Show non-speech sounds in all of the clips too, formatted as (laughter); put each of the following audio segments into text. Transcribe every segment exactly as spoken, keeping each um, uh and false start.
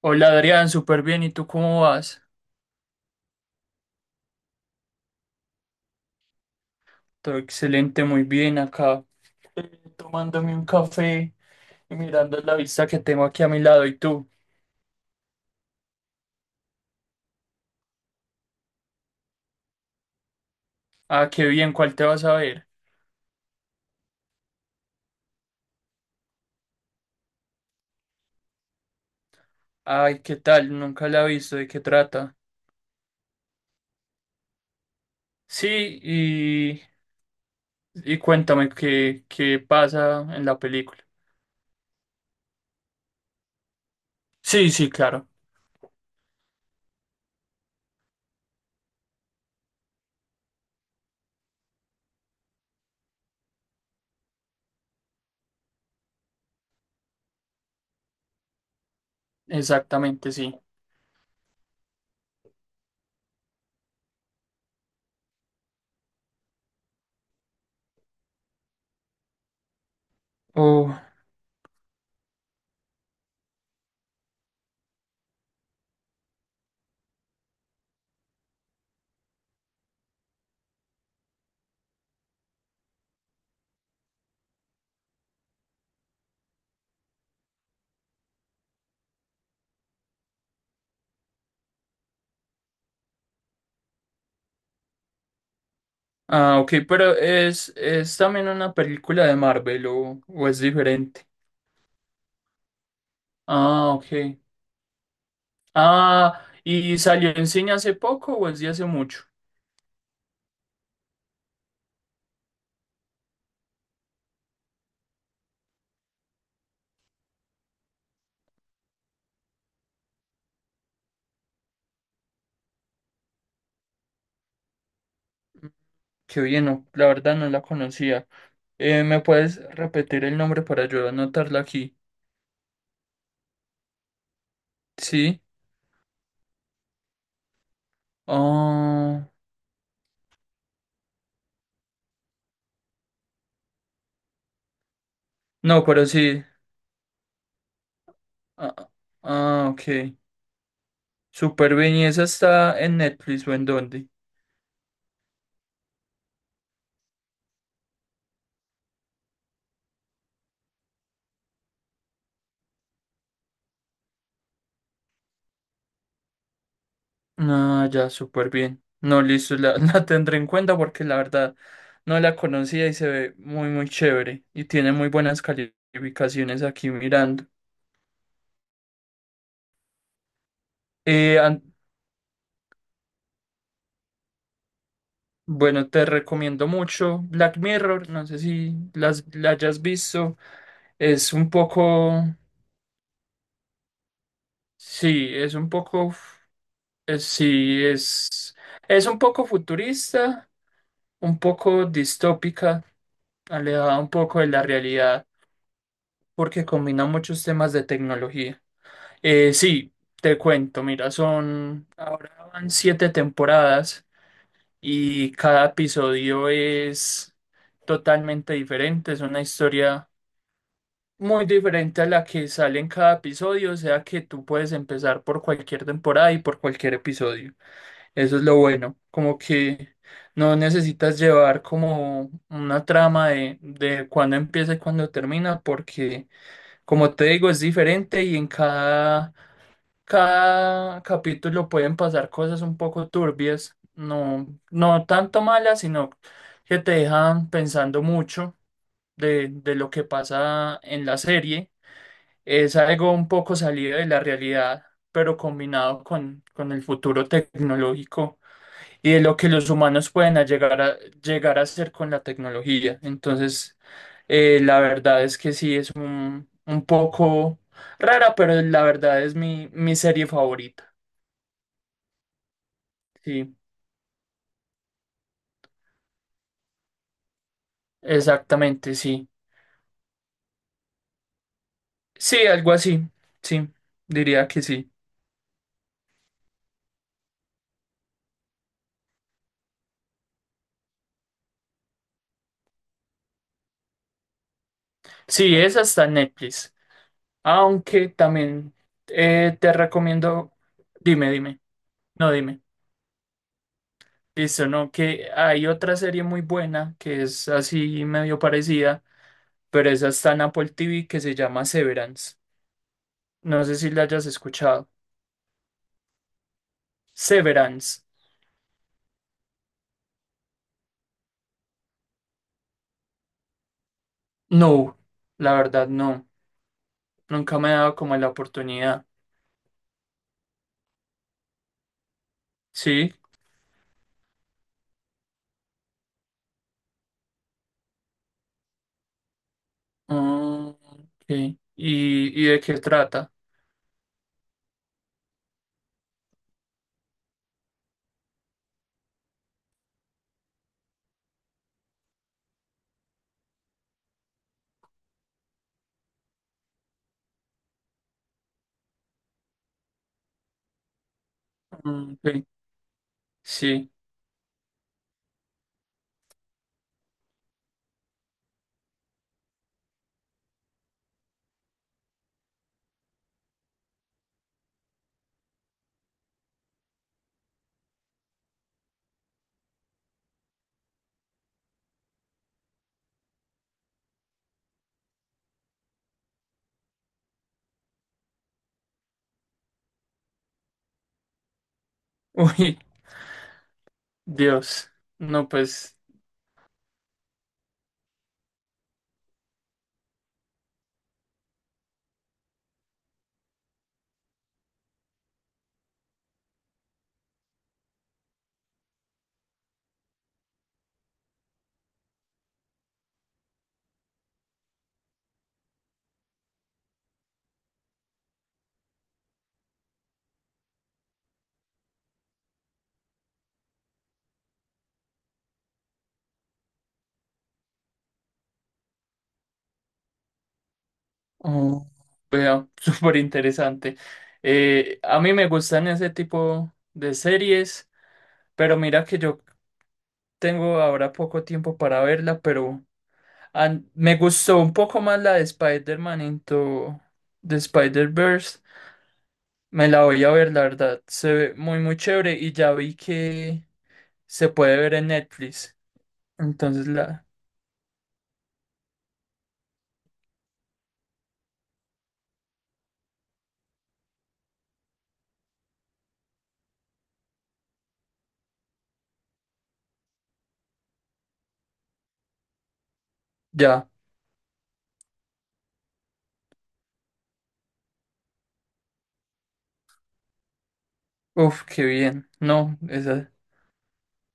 Hola Adrián, súper bien. ¿Y tú cómo vas? Todo excelente, muy bien acá. Eh, tomándome un café y mirando la vista que tengo aquí a mi lado. ¿Y tú? Ah, qué bien, ¿cuál te vas a ver? Ay, ¿qué tal? Nunca la he visto, ¿de qué trata? Sí, y, y cuéntame qué, qué pasa en la película. Sí, sí, claro, exactamente, sí. Oh, ah, ok, pero es, es también una película de Marvel o, o es diferente. Ah, ok. Ah, ¿y salió en cine hace poco o es de hace mucho? Qué bien, no, la verdad no la conocía. Eh, ¿me puedes repetir el nombre para yo anotarla aquí? Sí. Ah, no, pero sí. Ah, ah, ok. Súper bien. ¿Y esa está en Netflix o en dónde? Ah, ya, súper bien. No, listo, la, (laughs) la tendré en cuenta porque la verdad no la conocía y se ve muy, muy chévere y tiene muy buenas calificaciones aquí mirando. Eh, an- Bueno, te recomiendo mucho Black Mirror, no sé si las, la hayas visto. Es un poco, sí, es un poco, es- sí, es, es un poco futurista, un poco distópica, alejada un poco de la realidad, porque combina muchos temas de tecnología. Eh, sí, te cuento, mira, son van siete temporadas. Y cada episodio es totalmente diferente, es una historia muy diferente a la que sale en cada episodio, o sea que tú puedes empezar por cualquier temporada y por cualquier episodio. Eso es lo bueno, como que no necesitas llevar como una trama de, de cuándo empieza y cuándo termina, porque como te digo, es diferente y en cada cada capítulo pueden pasar cosas un poco turbias, no, no tanto malas, sino que te dejan pensando mucho de, de lo que pasa en la serie. Es algo un poco salido de la realidad, pero combinado con, con el futuro tecnológico y de lo que los humanos pueden a llegar a, llegar a hacer con la tecnología. Entonces, eh, la verdad es que sí, es un, un poco rara, pero la verdad es mi, mi serie favorita. Sí, exactamente, sí. Sí, algo así. Sí, diría que sí. Sí, esa está en Netflix. Aunque también eh, te recomiendo. Dime, dime. No, dime. Listo, no, que hay otra serie muy buena que es así medio parecida, pero esa está en Apple T V que se llama Severance. No sé si la hayas escuchado. Severance. No, la verdad no. Nunca me he dado como la oportunidad. Sí. Ah, ok. ¿Y, y de qué trata? Ah, ok. Sí. (laughs) Uy, Dios. No, pues, oh, vea, (laughs) súper interesante. Eh, a mí me gustan ese tipo de series, pero mira que yo tengo ahora poco tiempo para verla, pero an- me gustó un poco más la de Spider-Man Into the Spider-Verse. Me la voy a ver, la verdad. Se ve muy, muy chévere y ya vi que se puede ver en Netflix. Entonces la, ya, uf, qué bien. No, esa,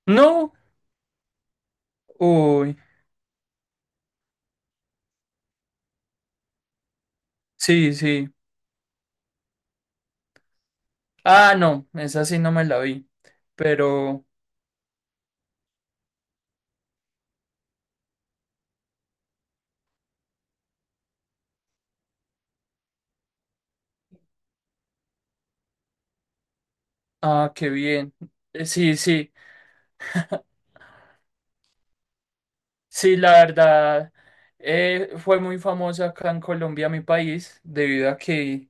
no, uy, sí, sí. Ah, no, esa sí no me la vi, pero, ah, qué bien. Eh, Sí, sí, sí, la verdad, eh, fue muy famosa acá en Colombia, mi país, debido a que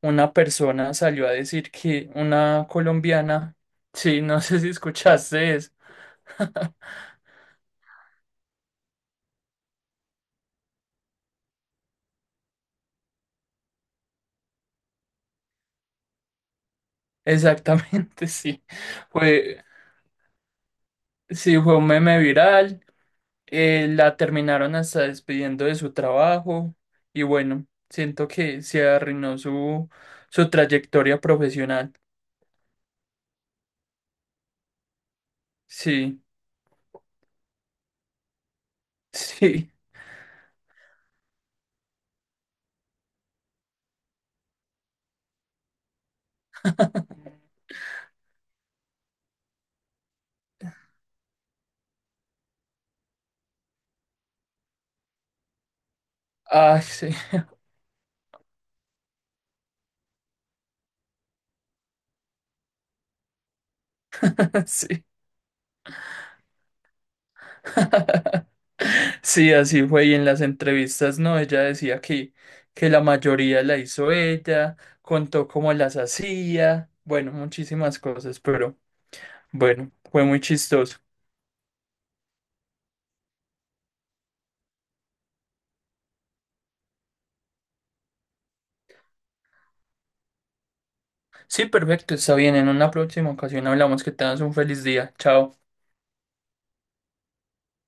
una persona salió a decir que una colombiana, sí, no (laughs) sé si escuchaste eso. (laughs) Exactamente, sí. Fue, sí, fue un meme viral. Eh, la terminaron hasta despidiendo de su trabajo y bueno, siento que se arruinó su, su trayectoria profesional. Sí, (laughs) sí, ah, sí, (laughs) sí. (laughs) Sí, así fue. Y en las entrevistas, no, ella decía que, que la mayoría la hizo ella, contó cómo las hacía, bueno, muchísimas cosas, pero bueno, fue muy chistoso. Sí, perfecto, está bien. En una próxima ocasión hablamos. Que tengas un feliz día. Chao.